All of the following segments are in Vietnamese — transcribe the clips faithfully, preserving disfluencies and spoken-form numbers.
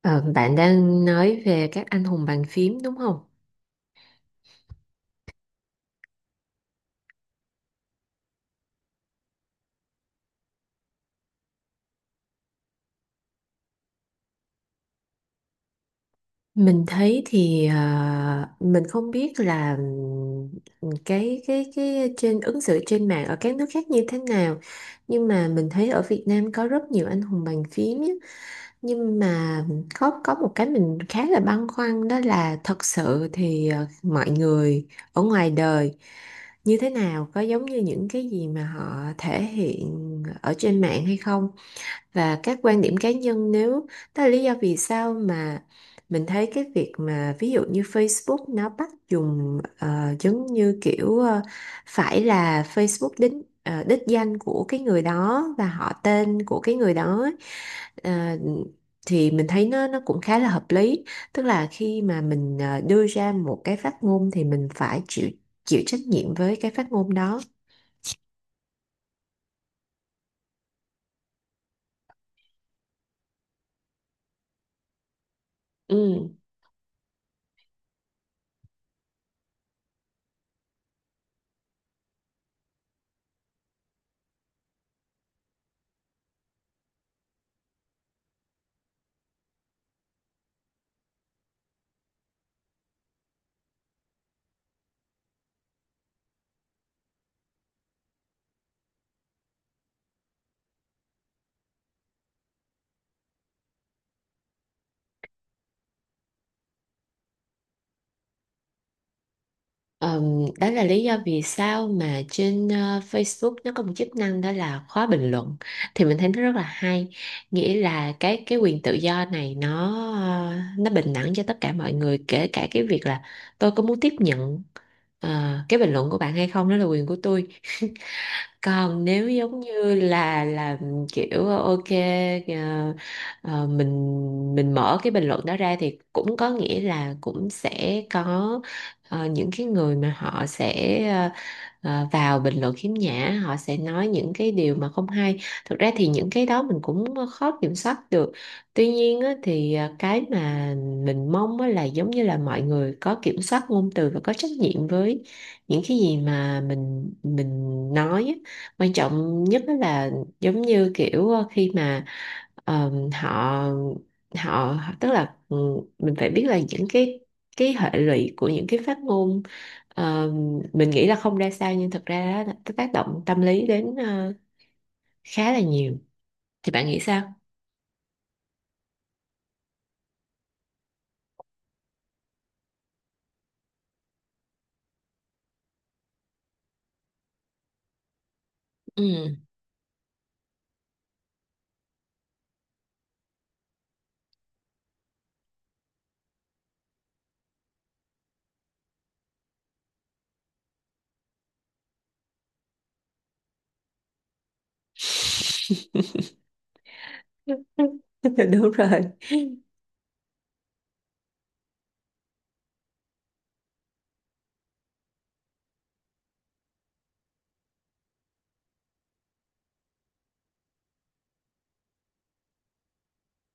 Ờ, Bạn đang nói về các anh hùng bàn phím đúng không? Mình thấy thì ờ, mình không biết là ừm, cái cái cái trên ứng xử trên mạng ở các nước khác như thế nào, nhưng mà mình thấy ở Việt Nam có rất nhiều anh hùng bàn phím nhé. Nhưng mà có có một cái mình khá là băn khoăn, đó là thật sự thì ờ, mọi người ở ngoài đời như thế nào, có giống như những cái gì mà họ thể hiện ở trên mạng hay không? Và các quan điểm cá nhân, nếu đó là lý do vì sao mà mình thấy cái việc mà ví dụ như Facebook nó bắt dùng ờ, giống như kiểu ờ, phải là Facebook đính ờ, đích danh của cái người đó và họ tên của cái người đó ấy, ờ, thì mình thấy nó nó cũng khá là hợp lý, tức là khi mà mình ờ, đưa ra một cái phát ngôn thì mình phải chịu chịu trách nhiệm với cái phát ngôn đó. Ừ. Ờm, Đó là lý do vì sao mà trên ờ, Facebook nó có một chức năng đó là khóa bình luận, thì mình thấy nó rất là hay, nghĩa là cái cái quyền tự do này nó ờ, nó bình đẳng cho tất cả mọi người, kể cả cái việc là tôi có muốn tiếp nhận ờ, cái bình luận của bạn hay không, đó là quyền của tôi. Còn nếu giống như là là kiểu ok, ờ, ờ, mình mình mở cái bình luận đó ra thì cũng có nghĩa là cũng sẽ có ờ, những cái người mà họ sẽ ờ, ờ, vào bình luận khiếm nhã, họ sẽ nói những cái điều mà không hay. Thực ra thì những cái đó mình cũng khó kiểm soát được, tuy nhiên á, thì ờ, cái mà mình mong á là giống như là mọi người có kiểm soát ngôn từ và có trách nhiệm với những cái gì mà mình mình nói á. Quan trọng nhất đó là giống như kiểu ờ, khi mà ờ, họ họ tức là ừ, mình phải biết là những cái cái hệ lụy của những cái phát ngôn, ờ, mình nghĩ là không ra sao, nhưng thật ra đó, nó tác động tâm lý đến ờ, khá là nhiều. Thì bạn nghĩ sao? Ừ. Đúng rồi.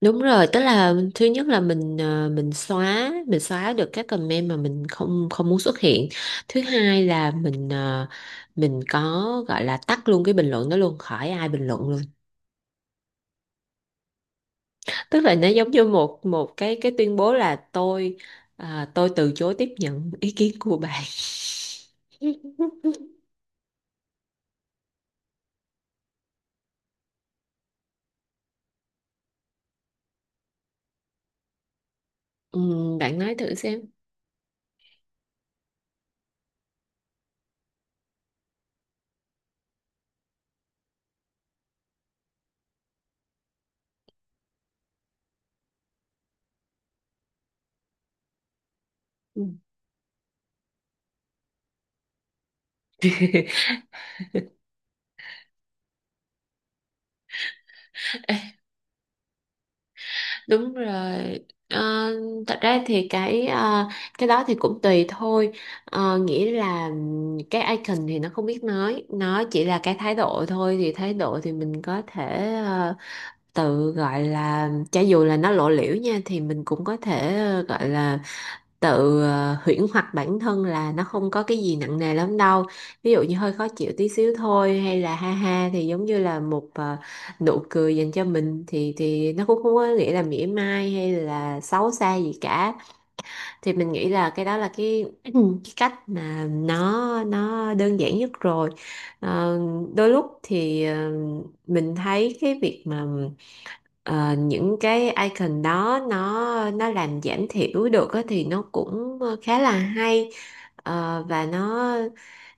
Đúng rồi, tức là thứ nhất là mình ờ, mình xóa, mình xóa được các comment mà mình không không muốn xuất hiện. Thứ hai là mình ờ, mình có gọi là tắt luôn cái bình luận đó luôn, khỏi ai bình luận luôn. Tức là nó giống như một một cái cái tuyên bố là tôi ờ, tôi từ chối tiếp nhận ý kiến của bạn. Ừm, bạn nói thử xem. Đúng rồi. Ờ, thật ra thì cái ờ, cái đó thì cũng tùy thôi. Ờ, nghĩa là ừm, cái icon thì nó không biết nói, nó chỉ là cái thái độ thôi. Thì thái độ thì mình có thể ờ, tự gọi là, cho dù là nó lộ liễu nha, thì mình cũng có thể ờ, gọi là tự ờ, huyễn hoặc bản thân là nó không có cái gì nặng nề lắm đâu, ví dụ như hơi khó chịu tí xíu thôi, hay là ha ha thì giống như là một ờ, nụ cười dành cho mình thì thì nó cũng không có nghĩa là mỉa mai hay là xấu xa gì cả. Thì mình nghĩ là cái đó là cái cái cách mà nó nó đơn giản nhất rồi. Ờ, đôi lúc thì ờ, mình thấy cái việc mà ờ, những cái icon đó nó nó làm giảm thiểu được á, thì nó cũng ờ, khá là hay. Ờ, và nó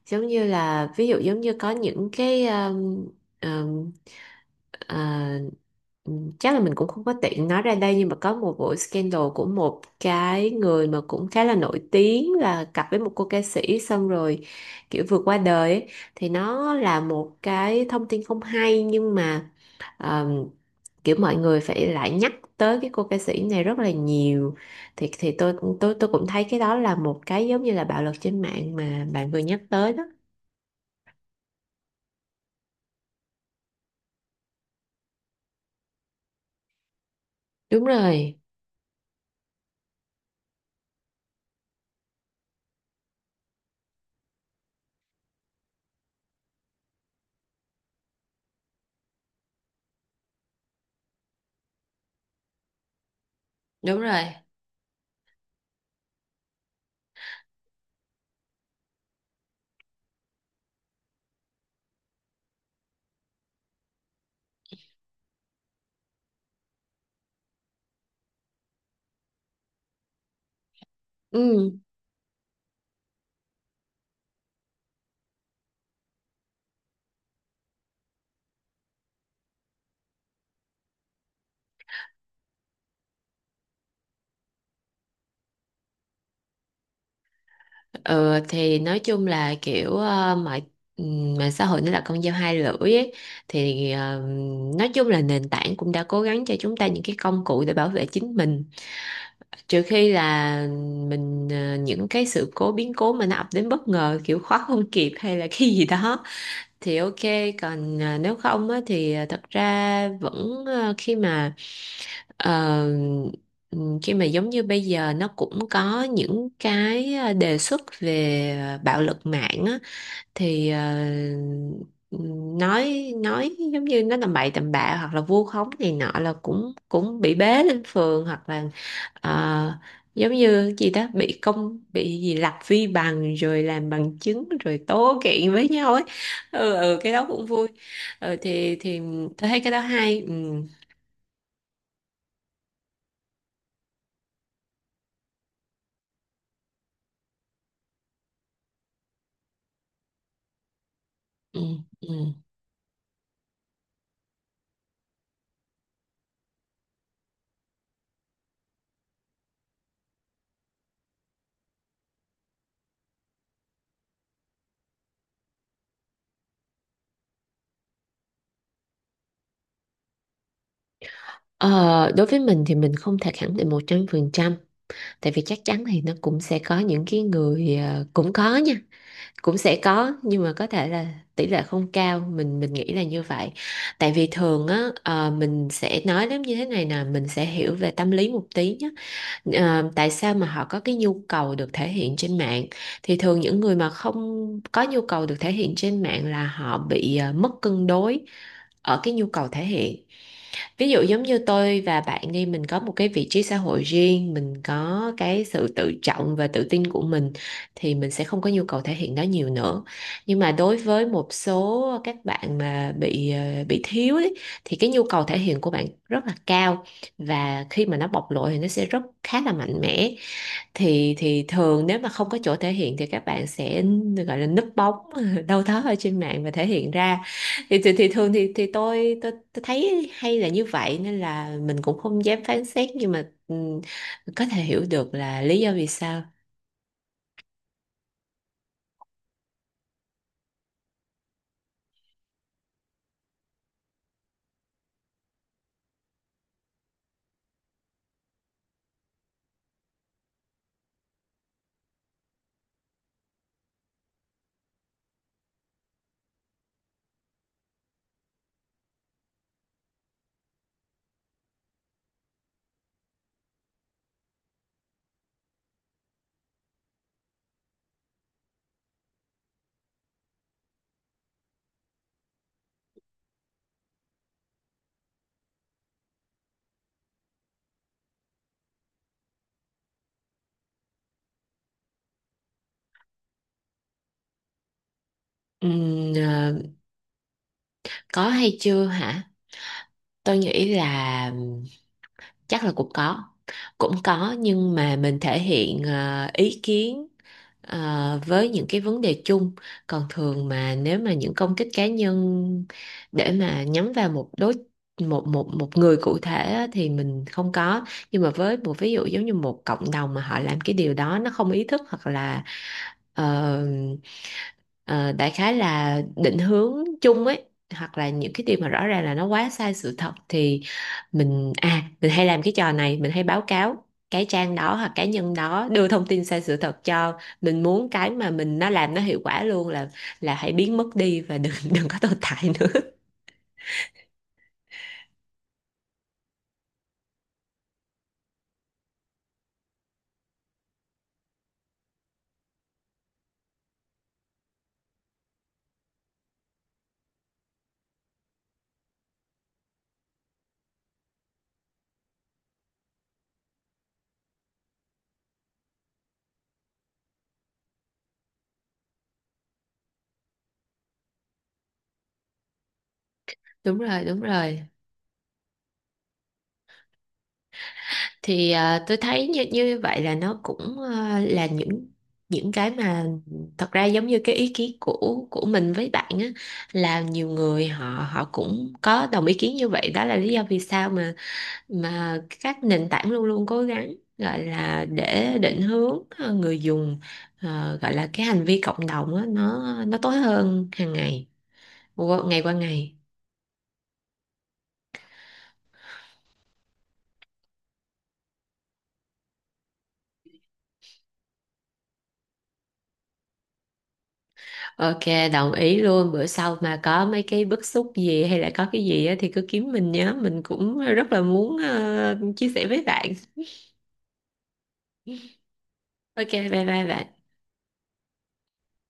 giống như là ví dụ giống như có những cái um, um, ờ, ừm, chắc là mình cũng không có tiện nói ra đây, nhưng mà có một vụ scandal của một cái người mà cũng khá là nổi tiếng là cặp với một cô ca sĩ xong rồi kiểu vượt qua đời ấy. Thì nó là một cái thông tin không hay, nhưng mà Ờ, kiểu mọi người phải lại nhắc tới cái cô ca sĩ này rất là nhiều. Thì thì tôi tôi tôi cũng thấy cái đó là một cái giống như là bạo lực trên mạng mà bạn vừa nhắc tới đó. Đúng rồi. Đúng rồi. Ừ. Ừ, thì nói chung là kiểu ờ, mọi ừm, mạng xã hội nó là con dao hai lưỡi ấy. Thì ờ, nói chung là nền tảng cũng đã cố gắng cho chúng ta những cái công cụ để bảo vệ chính mình, trừ khi là mình ờ, những cái sự cố, biến cố mà nó ập đến bất ngờ, kiểu khóa không kịp hay là cái gì đó, thì ok. Còn ờ, nếu không á, thì ờ, thật ra vẫn ờ, khi mà ờ, ừm, khi mà giống như bây giờ nó cũng có những cái ờ, đề xuất về ờ, bạo lực mạng á, thì ờ, nói nói giống như nó tầm bậy tầm bạ hoặc là vu khống này nọ là cũng cũng bị bế lên phường, hoặc là ờ, giống như gì đó bị công bị gì lập vi bằng rồi làm bằng chứng rồi tố kiện với nhau ấy. Ừ, ừ cái đó cũng vui. Ừ, thì thì tôi thấy cái đó hay. Ừ. Ừ. Ừ. Ờ, đối với mình thì mình không thể khẳng định một trăm phần trăm. Tại vì chắc chắn thì nó cũng sẽ có những cái người ờ, cũng có nha, cũng sẽ có, nhưng mà có thể là tỷ lệ không cao, mình mình nghĩ là như vậy. Tại vì thường á, ờ, mình sẽ nói đến như thế này nè, mình sẽ hiểu về tâm lý một tí nhé. Ờ, tại sao mà họ có cái nhu cầu được thể hiện trên mạng? Thì thường những người mà không có nhu cầu được thể hiện trên mạng là họ bị ờ, mất cân đối ở cái nhu cầu thể hiện. Ví dụ giống như tôi và bạn đi, mình có một cái vị trí xã hội riêng, mình có cái sự tự trọng và tự tin của mình, thì mình sẽ không có nhu cầu thể hiện nó nhiều nữa. Nhưng mà đối với một số các bạn mà bị ờ, bị thiếu ấy, thì cái nhu cầu thể hiện của bạn rất là cao, và khi mà nó bộc lộ thì nó sẽ rất khá là mạnh mẽ. Thì thì thường nếu mà không có chỗ thể hiện thì các bạn sẽ gọi là núp bóng đâu đó ở trên mạng và thể hiện ra. Thì thì, thì thường thì thì tôi, tôi tôi thấy hay là như vậy, nên là mình cũng không dám phán xét, nhưng mà ừm, có thể hiểu được là lý do vì sao. Ừm, ờ, có hay chưa hả? Tôi nghĩ là chắc là cũng có, cũng có, nhưng mà mình thể hiện ờ, ý kiến ờ, với những cái vấn đề chung. Còn thường mà nếu mà những công kích cá nhân để mà nhắm vào một đối một một một người cụ thể á, thì mình không có. Nhưng mà với một ví dụ giống như một cộng đồng mà họ làm cái điều đó nó không ý thức, hoặc là ờ, ờ, đại khái là định hướng chung ấy, hoặc là những cái điều mà rõ ràng là nó quá sai sự thật, thì mình à mình hay làm cái trò này, mình hay báo cáo cái trang đó hoặc cá nhân đó đưa thông tin sai sự thật, cho mình muốn cái mà mình nó làm nó hiệu quả luôn là là hãy biến mất đi và đừng đừng có tồn tại nữa. Đúng rồi, đúng rồi. Thì à, tôi thấy như như vậy là nó cũng à, là những những cái mà thật ra giống như cái ý kiến của của mình với bạn á, là nhiều người họ họ cũng có đồng ý kiến như vậy, đó là lý do vì sao mà mà các nền tảng luôn luôn cố gắng gọi là để định hướng ờ, người dùng, ờ, gọi là cái hành vi cộng đồng á, nó nó tốt hơn hàng ngày, qua- ngày qua ngày. Ok, đồng ý luôn. Bữa sau mà có mấy cái bức xúc gì hay là có cái gì á, thì cứ kiếm mình nhé, mình cũng rất là muốn ờ, chia sẻ với bạn. Ok, bye bye bạn.